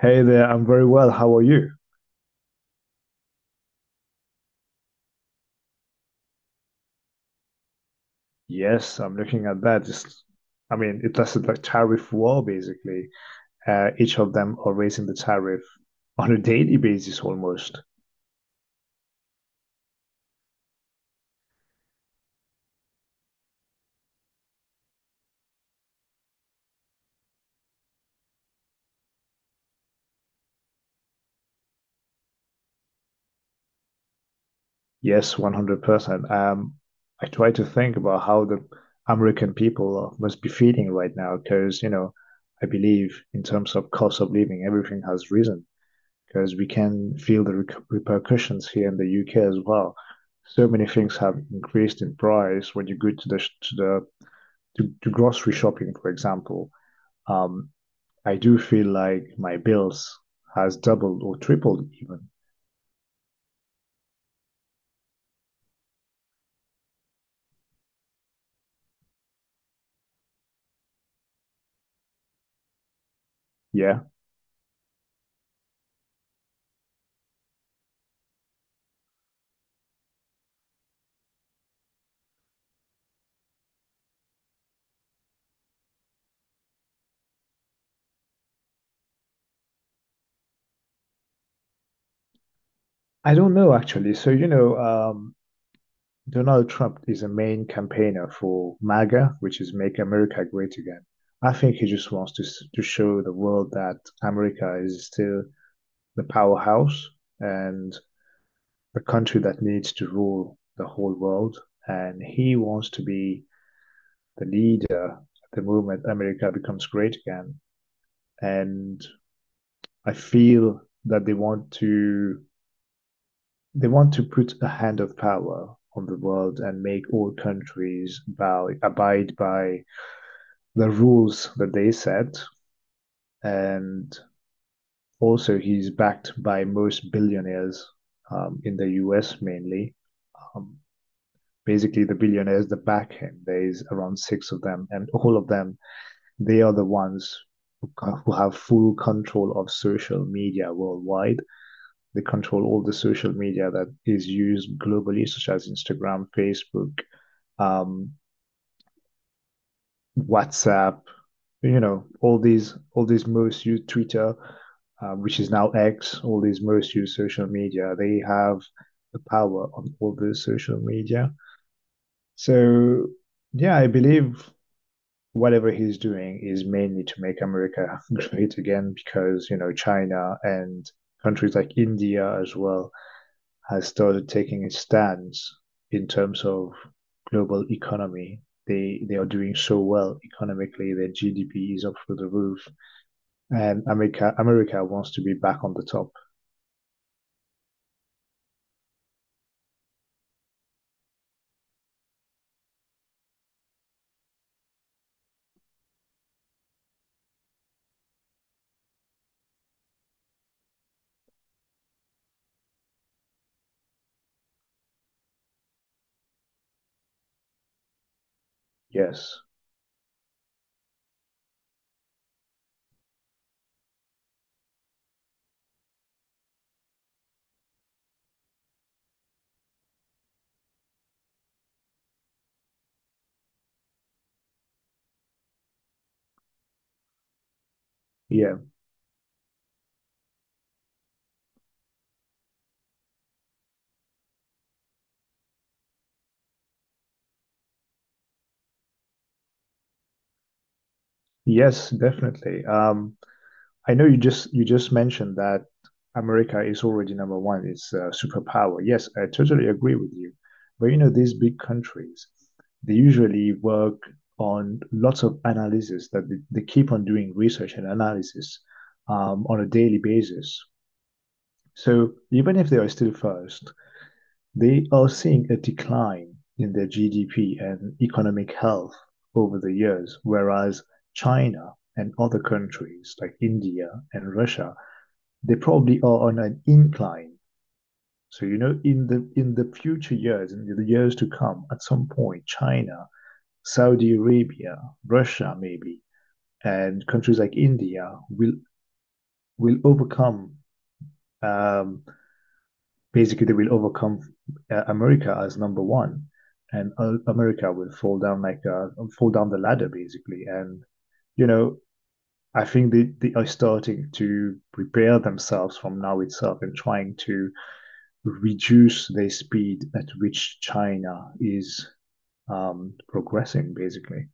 Hey there, I'm very well. How are you? Yes, I'm looking at that. It lasted like tariff war basically. Each of them are raising the tariff on a daily basis almost. Yes, 100%. I try to think about how the American people must be feeling right now because, I believe in terms of cost of living, everything has risen because we can feel the rec repercussions here in the UK as well, so many things have increased in price when you go to the to the to grocery shopping, for example. um, I do feel like my bills has doubled or tripled even. Yeah. I don't know actually. So, Donald Trump is a main campaigner for MAGA, which is Make America Great Again. I think he just wants to to show the world that America is still the powerhouse and the country that needs to rule the whole world. And he wants to be the leader at the moment America becomes great again. And I feel that they want to put a hand of power on the world and make all countries bow, abide by the rules that they set. And also, he's backed by most billionaires in the US mainly. Um, basically, the billionaires that back him, there's around six of them, and all of them, they are the ones who, who have full control of social media worldwide. They control all the social media that is used globally, such as Instagram, Facebook, um, WhatsApp, you know, all these most used Twitter, which is now X, all these most used social media. They have the power on all those social media. So yeah, I believe whatever he's doing is mainly to make America great again because you know China and countries like India as well has started taking a stance in terms of global economy. They are doing so well economically. Their GDP is up through the roof, and America wants to be back on the top. Yes, yeah, yes, definitely. I know you just mentioned that America is already number one. It's a superpower. Yes, I totally agree with you. But you know, these big countries, they usually work on lots of analysis that they keep on doing research and analysis on a daily basis. So even if they are still first, they are seeing a decline in their GDP and economic health over the years, whereas China and other countries like India and Russia they probably are on an incline. So you know, in the future years, in the years to come, at some point, China, Saudi Arabia, Russia, maybe, and countries like India will overcome. Um, basically, they will overcome America as number one, and America will fall down like fall down the ladder basically. And you know, I think they are starting to prepare themselves from now itself and trying to reduce the speed at which China is progressing, basically.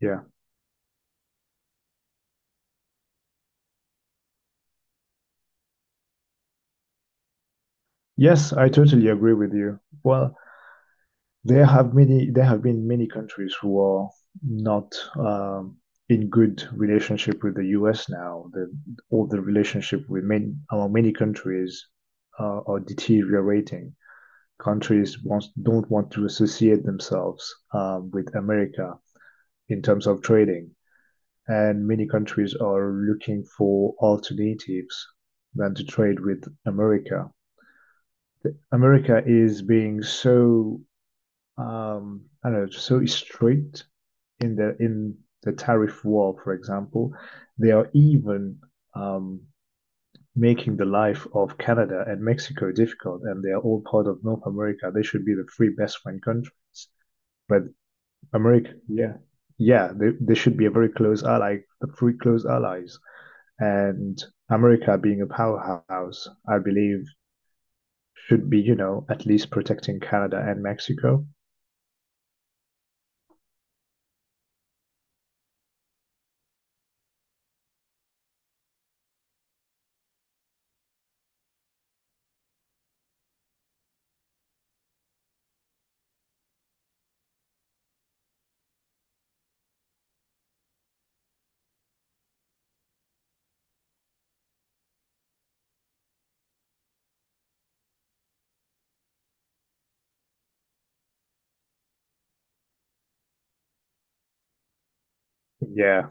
Yeah. Yes, I totally agree with you. Well, there have been many countries who are not in good relationship with the U.S. now. The all the relationship with many among many countries are deteriorating. Don't want to associate themselves with America in terms of trading, and many countries are looking for alternatives than to trade with America. America is being so I don't know, so strict in the tariff war, for example, they are even um, making the life of Canada and Mexico difficult, and they are all part of North America. They should be the three best friend countries. But America, yeah, yeah, they should be a very close ally, the three close allies. And America, being a powerhouse, I believe, should be, you know, at least protecting Canada and Mexico. Yeah,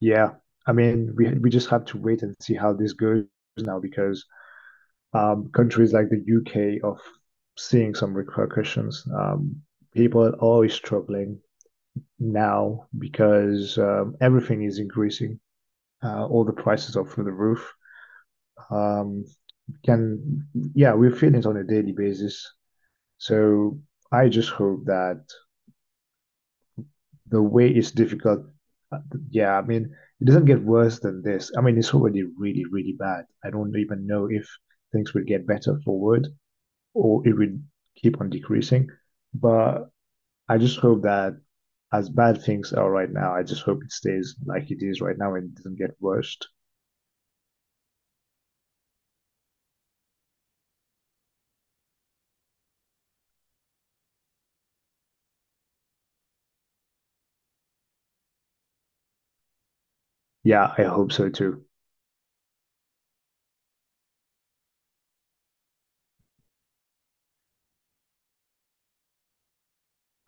yeah. I mean, we just have to wait and see how this goes now because countries like the UK are seeing some repercussions. People are always struggling now because everything is increasing. All the prices are through the roof. um, can, yeah, we feel it on a daily basis. So I just hope that the way is difficult. uh, Yeah, I mean, it doesn't get worse than this. I mean, it's already really, really bad. I don't even know if things will get better forward or it will keep on decreasing. But I just hope that as bad things are right now, I just hope it stays like it is right now and doesn't get worse. Yeah, I hope so too.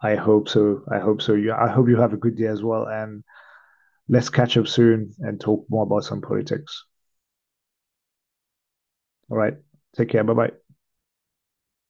I hope so. I hope so. You, I hope you have a good day as well, and let's catch up soon and talk more about some politics. All right. Take care. Bye bye.